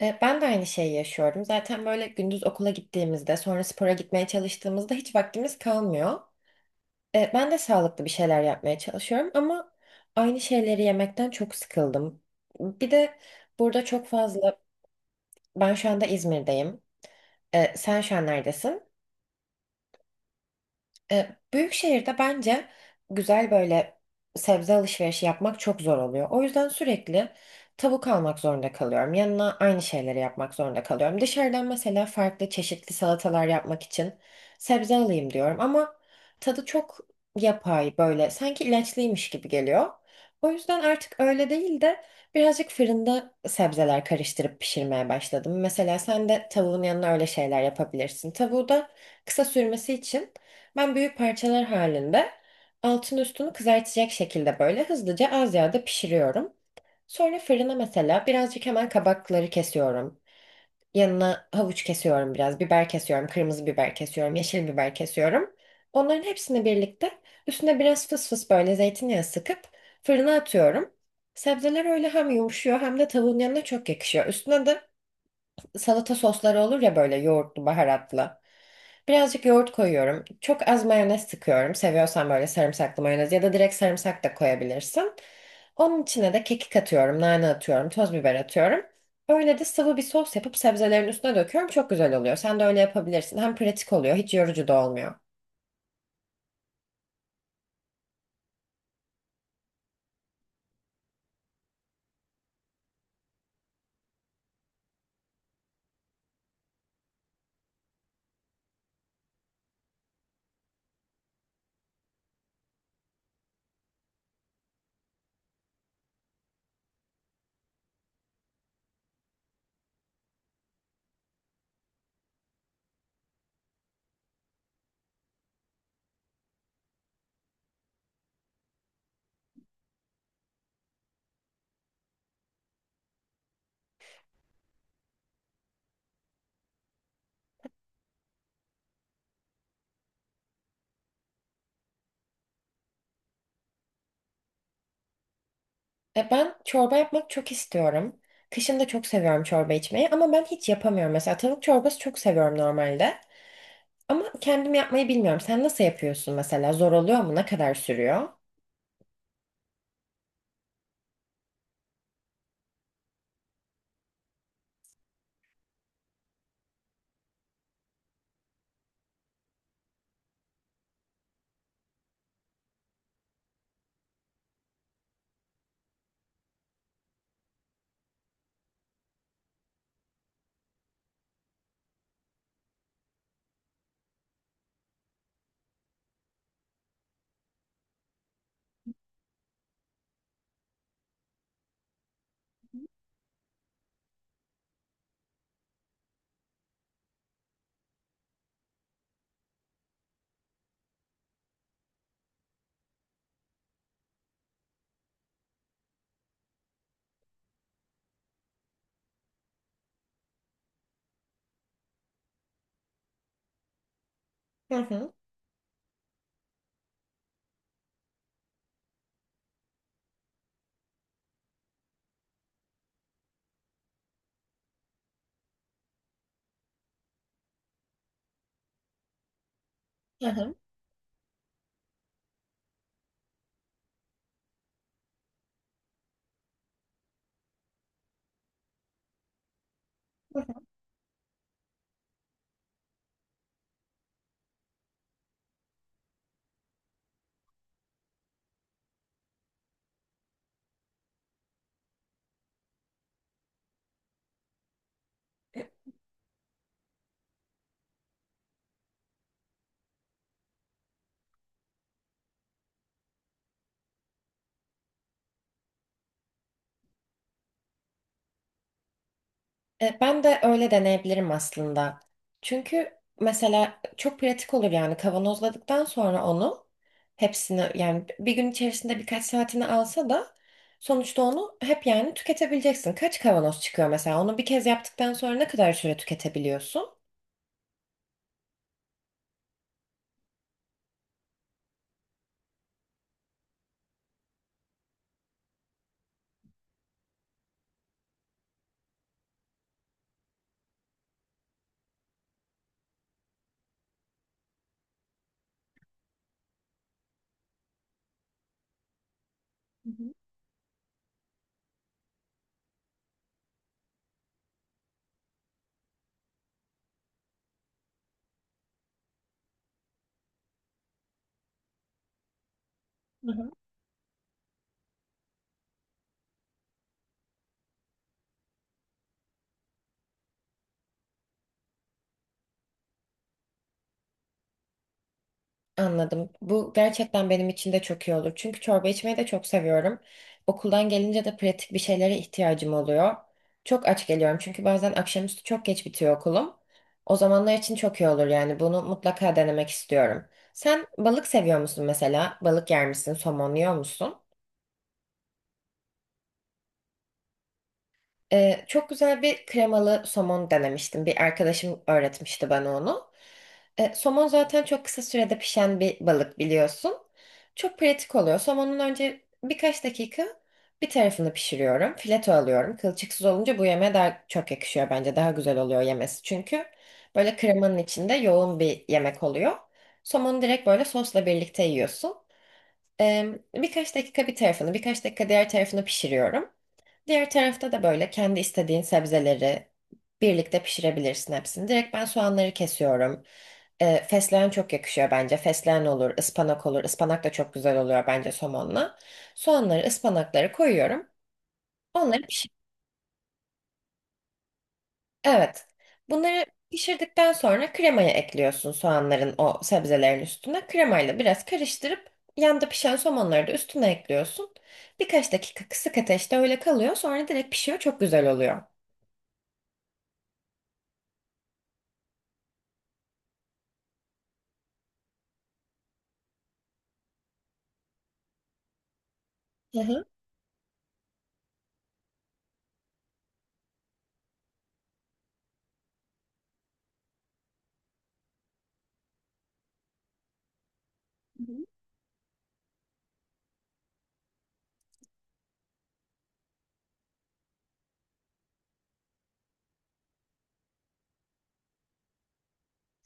Ben de aynı şeyi yaşıyorum. Zaten böyle gündüz okula gittiğimizde, sonra spora gitmeye çalıştığımızda hiç vaktimiz kalmıyor. Ben de sağlıklı bir şeyler yapmaya çalışıyorum ama aynı şeyleri yemekten çok sıkıldım. Bir de burada çok fazla, ben şu anda İzmir'deyim. Sen şu an neredesin? Büyük şehirde bence güzel böyle sebze alışverişi yapmak çok zor oluyor. O yüzden sürekli tavuk almak zorunda kalıyorum. Yanına aynı şeyleri yapmak zorunda kalıyorum. Dışarıdan mesela farklı çeşitli salatalar yapmak için sebze alayım diyorum ama tadı çok yapay böyle sanki ilaçlıymış gibi geliyor. O yüzden artık öyle değil de birazcık fırında sebzeler karıştırıp pişirmeye başladım. Mesela sen de tavuğun yanına öyle şeyler yapabilirsin. Tavuğu da kısa sürmesi için ben büyük parçalar halinde altın üstünü kızartacak şekilde böyle hızlıca az yağda pişiriyorum. Sonra fırına mesela birazcık hemen kabakları kesiyorum. Yanına havuç kesiyorum biraz, biber kesiyorum, kırmızı biber kesiyorum, yeşil biber kesiyorum. Onların hepsini birlikte üstüne biraz fıs fıs böyle zeytinyağı sıkıp fırına atıyorum. Sebzeler öyle hem yumuşuyor hem de tavuğun yanına çok yakışıyor. Üstüne de salata sosları olur ya böyle yoğurtlu, baharatlı. Birazcık yoğurt koyuyorum. Çok az mayonez sıkıyorum. Seviyorsan böyle sarımsaklı mayonez ya da direkt sarımsak da koyabilirsin. Onun içine de kekik atıyorum, nane atıyorum, toz biber atıyorum. Öyle de sıvı bir sos yapıp sebzelerin üstüne döküyorum. Çok güzel oluyor. Sen de öyle yapabilirsin. Hem pratik oluyor, hiç yorucu da olmuyor. E ben çorba yapmak çok istiyorum. Kışın da çok seviyorum çorba içmeyi ama ben hiç yapamıyorum. Mesela tavuk çorbası çok seviyorum normalde. Ama kendim yapmayı bilmiyorum. Sen nasıl yapıyorsun mesela? Zor oluyor mu? Ne kadar sürüyor? Hı hı. Hı hı. Hı hı. Ben de öyle deneyebilirim aslında. Çünkü mesela çok pratik olur yani kavanozladıktan sonra onu hepsini yani bir gün içerisinde birkaç saatini alsa da sonuçta onu hep yani tüketebileceksin. Kaç kavanoz çıkıyor mesela? Onu bir kez yaptıktan sonra ne kadar süre tüketebiliyorsun? Hı hı. Anladım. Bu gerçekten benim için de çok iyi olur. Çünkü çorba içmeyi de çok seviyorum. Okuldan gelince de pratik bir şeylere ihtiyacım oluyor. Çok aç geliyorum çünkü bazen akşamüstü çok geç bitiyor okulum. O zamanlar için çok iyi olur yani bunu mutlaka denemek istiyorum. Sen balık seviyor musun mesela? Balık yer misin? Somon yiyor musun? Çok güzel bir kremalı somon denemiştim. Bir arkadaşım öğretmişti bana onu. Somon zaten çok kısa sürede pişen bir balık biliyorsun. Çok pratik oluyor. Somonun önce birkaç dakika bir tarafını pişiriyorum. Fileto alıyorum. Kılçıksız olunca bu yemeğe daha çok yakışıyor bence. Daha güzel oluyor yemesi. Çünkü böyle kremanın içinde yoğun bir yemek oluyor. Somonu direkt böyle sosla birlikte yiyorsun. Ee, Birkaç dakika bir tarafını, birkaç dakika diğer tarafını pişiriyorum. Diğer tarafta da böyle kendi istediğin sebzeleri birlikte pişirebilirsin hepsini. Direkt ben soğanları kesiyorum. Fesleğen çok yakışıyor bence. Fesleğen olur, ıspanak olur. Ispanak da çok güzel oluyor bence somonla. Soğanları, ıspanakları koyuyorum. Onları pişir. Evet. Bunları pişirdikten sonra kremayı ekliyorsun soğanların o sebzelerin üstüne. Kremayla biraz karıştırıp yanda pişen somonları da üstüne ekliyorsun. Birkaç dakika kısık ateşte öyle kalıyor. Sonra direkt pişiyor. Çok güzel oluyor. Hı hı.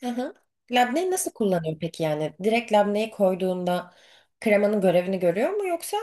Hı hı. Labneyi nasıl kullanıyor peki yani? Direkt labneyi koyduğunda kremanın görevini görüyor mu yoksa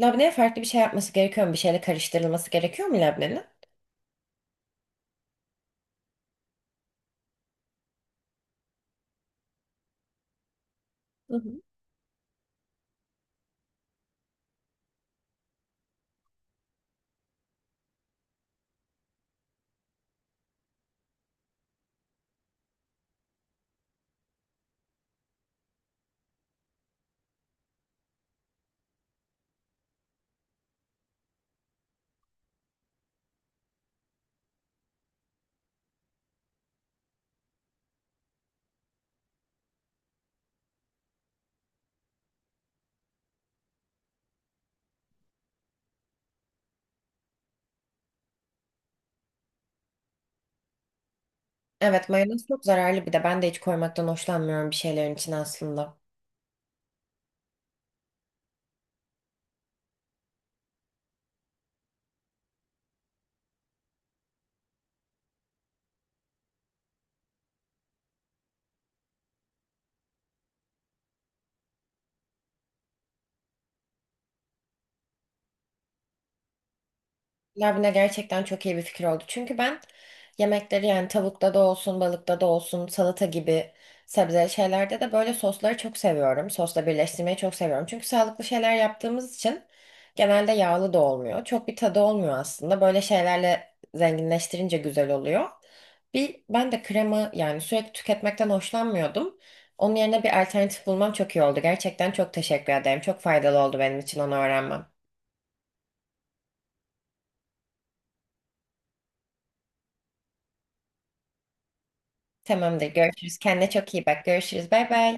labneye farklı bir şey yapması gerekiyor mu? Bir şeyle karıştırılması gerekiyor mu labnenin? Hı hı. Evet mayonez çok zararlı bir de ben de hiç koymaktan hoşlanmıyorum bir şeylerin içine aslında. Labne gerçekten çok iyi bir fikir oldu. Çünkü ben yemekleri yani tavukta da olsun, balıkta da olsun, salata gibi sebze şeylerde de böyle sosları çok seviyorum. Sosla birleştirmeyi çok seviyorum. Çünkü sağlıklı şeyler yaptığımız için genelde yağlı da olmuyor. Çok bir tadı olmuyor aslında. Böyle şeylerle zenginleştirince güzel oluyor. Bir ben de krema yani sürekli tüketmekten hoşlanmıyordum. Onun yerine bir alternatif bulmam çok iyi oldu. Gerçekten çok teşekkür ederim. Çok faydalı oldu benim için onu öğrenmem. Tamamdır. Görüşürüz. Kendine çok iyi bak. Görüşürüz. Bay bay.